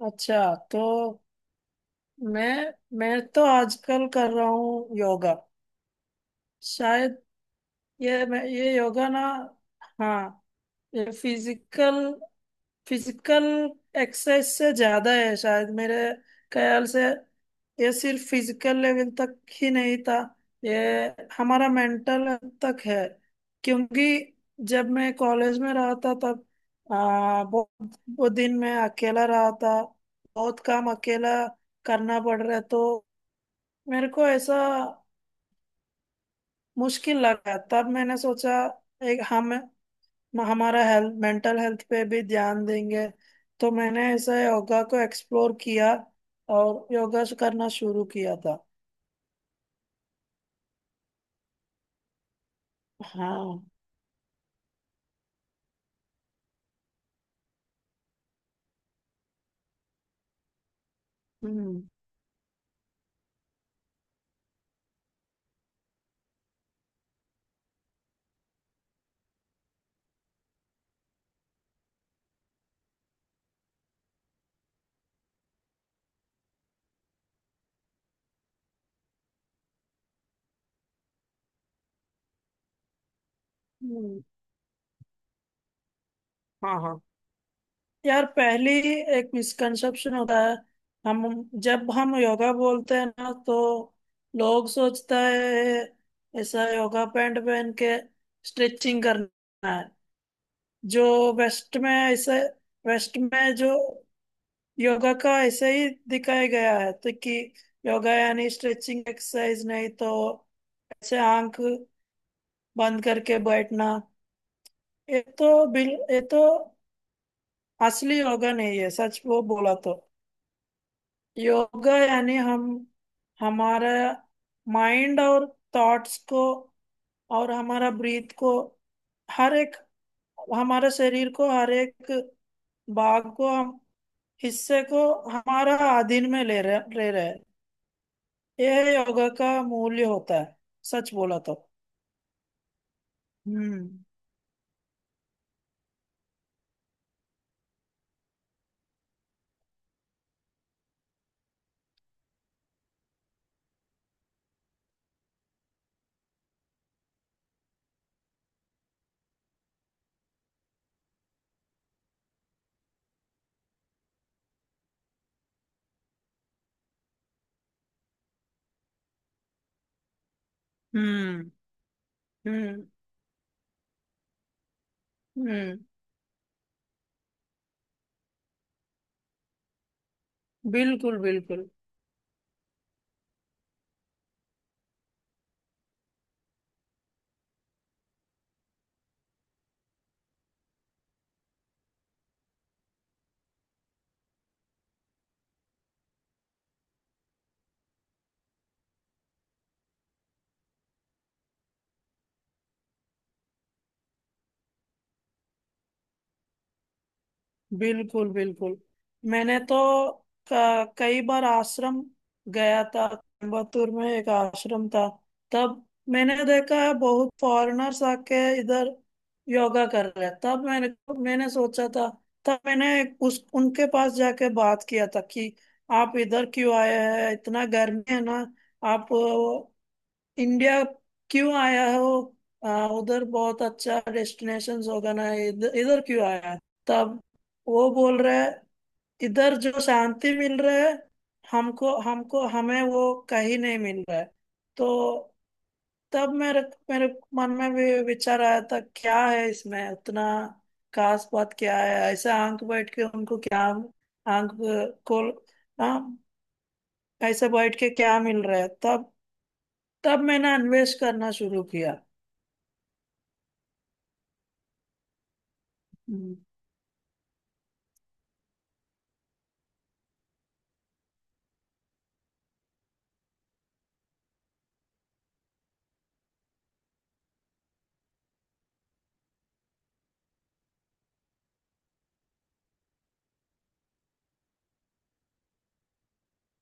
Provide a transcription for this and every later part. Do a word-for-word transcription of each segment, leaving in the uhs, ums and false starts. अच्छा तो मैं मैं तो आजकल कर रहा हूँ योगा। शायद ये मैं ये योगा ना। हाँ। ये फिजिकल फिजिकल एक्सरसाइज से ज्यादा है, शायद मेरे ख्याल से। ये सिर्फ फिजिकल लेवल तक ही नहीं था, ये हमारा मेंटल तक है। क्योंकि जब मैं कॉलेज में रहा था तब आ, बहुत वो दिन मैं अकेला रहा था। बहुत काम अकेला करना पड़ रहा है, तो मेरे को ऐसा मुश्किल लगा। तब मैंने सोचा एक हम म- हमारा हेल्थ, मेंटल हेल्थ पे भी ध्यान देंगे। तो मैंने ऐसा योगा को एक्सप्लोर किया और योगा करना शुरू किया था। हाँ। हम्म। हम्म। हाँ, हाँ। यार, पहली एक मिसकंसेप्शन होता है। हम जब हम योगा बोलते हैं ना, तो लोग सोचता है ऐसा योगा पैंट पहन के स्ट्रेचिंग करना है। जो वेस्ट में ऐसे वेस्ट में जो योगा का ऐसे ही दिखाया गया है, तो कि योगा यानी स्ट्रेचिंग एक्सरसाइज। नहीं तो ऐसे आंख बंद करके बैठना, ये तो बिल ये तो असली योगा नहीं है, सच वो बोला तो। योगा यानी हम हमारा माइंड और थॉट्स को, और हमारा ब्रीथ को, हर एक हमारे शरीर को, हर एक भाग को, हम हिस्से को हमारा अधीन में ले रहे ले रहे हैं। ये योगा का मूल्य होता है, सच बोला तो। हम्म। हम्म। हम्म। हम्म। बिल्कुल बिल्कुल। बिल्कुल बिल्कुल। मैंने तो क- कई बार आश्रम गया था, कोयम्बतूर में एक आश्रम था। तब मैंने देखा है बहुत फॉरेनर्स आके इधर योगा कर रहे हैं। तब मैंने मैंने सोचा था, तब मैंने उस उनके पास जाके बात किया था कि आप इधर क्यों आए हैं? इतना गर्मी है ना। आप इंडिया क्यों आया हो? आ, उधर बहुत अच्छा डेस्टिनेशंस होगा ना, इधर इधर क्यों आया? तब वो बोल रहे हैं, इधर जो शांति मिल रहा है, हमको हमको हमें वो कहीं नहीं मिल रहा है। तो तब मेरे मेरे मन में भी विचार आया था, क्या है इसमें? उतना खास बात क्या है? ऐसे आंख बैठ के उनको क्या? आंख को। हाँ। ऐसे बैठ के क्या मिल रहा है? तब तब मैंने अन्वेष करना शुरू किया। हम्म।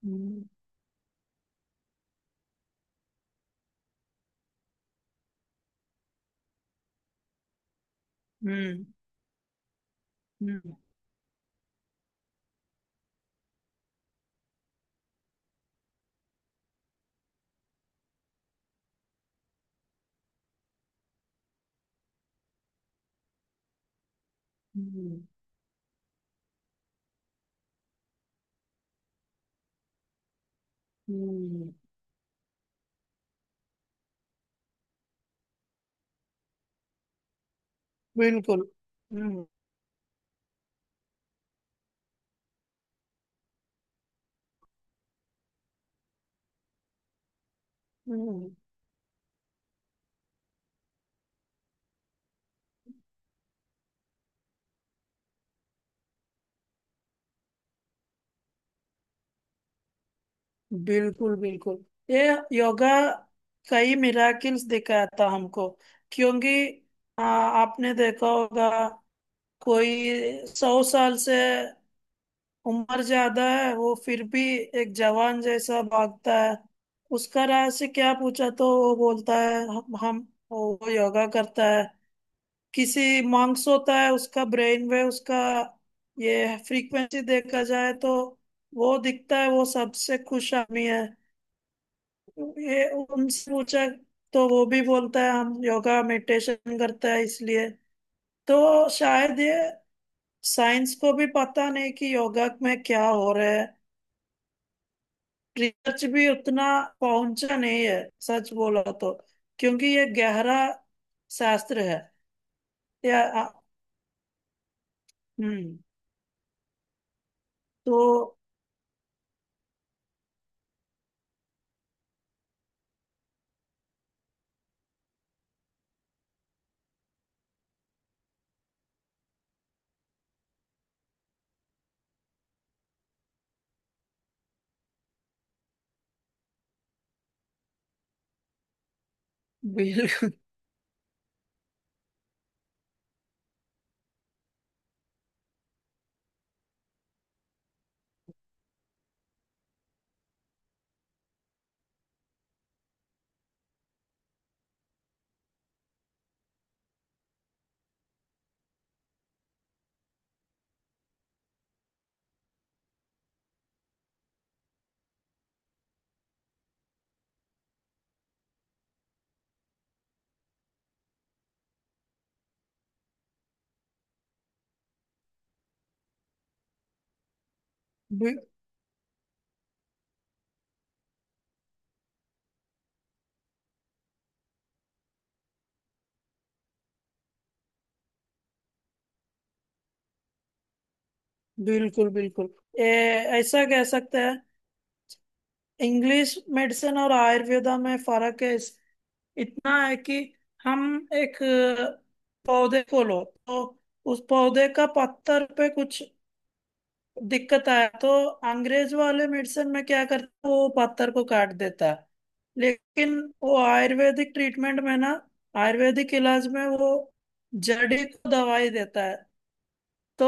हम्म। हम्म। हम्म। हम्म। हम्म। बिल्कुल। हम्म। हम्म। बिल्कुल बिल्कुल। ये योगा कई मिराकिल्स दिखाता हमको। क्योंकि आ, आपने देखा होगा, कोई सौ साल से उम्र ज्यादा है, वो फिर भी एक जवान जैसा भागता है। उसका राज से क्या पूछा, तो वो बोलता है हम, हम वो योगा करता है। किसी मॉन्क्स होता है, उसका ब्रेन वेव, उसका ये फ्रीक्वेंसी देखा जाए तो वो दिखता है वो सबसे खुश आदमी है। ये उनसे पूछा तो वो भी बोलता है हम योगा मेडिटेशन करता है, इसलिए। तो शायद ये, साइंस को भी पता नहीं कि योगा में क्या हो रहा है। रिसर्च भी उतना पहुंचा नहीं है, सच बोला तो, क्योंकि ये गहरा शास्त्र है। या। हम्म। तो। बिल्कुल बिल्कुल। बिल्कुल। ए, ऐसा कह सकते हैं, इंग्लिश मेडिसिन और आयुर्वेदा में फर्क है, इस- इतना है कि हम एक अ, पौधे को लो तो उस पौधे का पत्तर पे कुछ दिक्कत आया तो अंग्रेज वाले मेडिसिन में क्या करता है, वो पत्तर को काट देता है। लेकिन वो आयुर्वेदिक ट्रीटमेंट में ना, आयुर्वेदिक इलाज में वो जड़ी को दवाई देता है। तो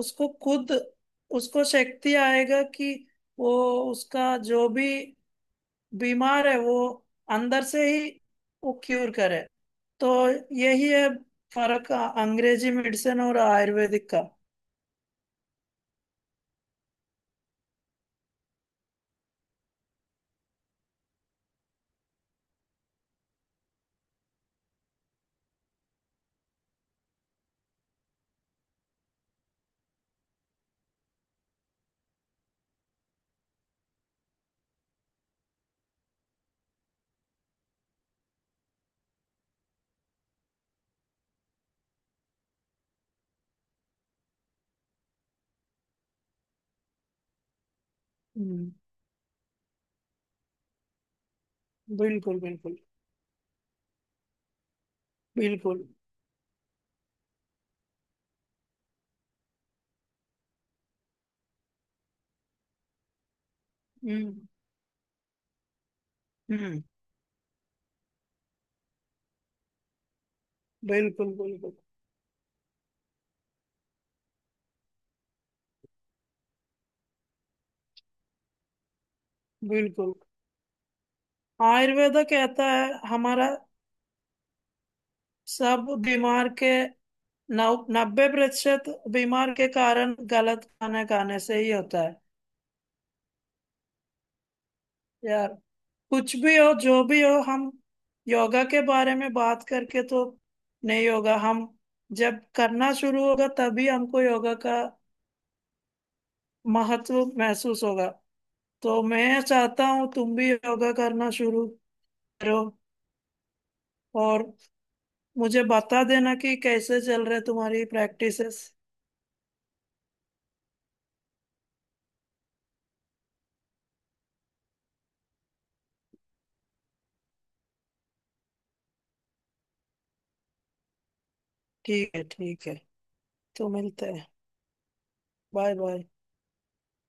उसको खुद उसको शक्ति आएगा कि वो, उसका जो भी बीमार है वो अंदर से ही वो क्यूर करे। तो यही है फर्क, अ- अंग्रेजी मेडिसिन और आयुर्वेदिक का। हम्म। बिल्कुल बिल्कुल बिल्कुल। हम्म। हम्म। बिल्कुल बिल्कुल बिल्कुल। आयुर्वेद कहता है, हमारा सब बीमार के नौ नब्बे प्रतिशत बीमार के कारण गलत खाना खाने से ही होता है। यार, कुछ भी हो, जो भी हो, हम योगा के बारे में बात करके तो नहीं होगा। हम जब करना शुरू होगा तभी हमको योगा का महत्व महसूस होगा। तो मैं चाहता हूँ तुम भी योगा करना शुरू करो। और मुझे बता देना कि कैसे चल रहे तुम्हारी प्रैक्टिसेस। ठीक है, ठीक है। तो मिलते हैं। Bye bye.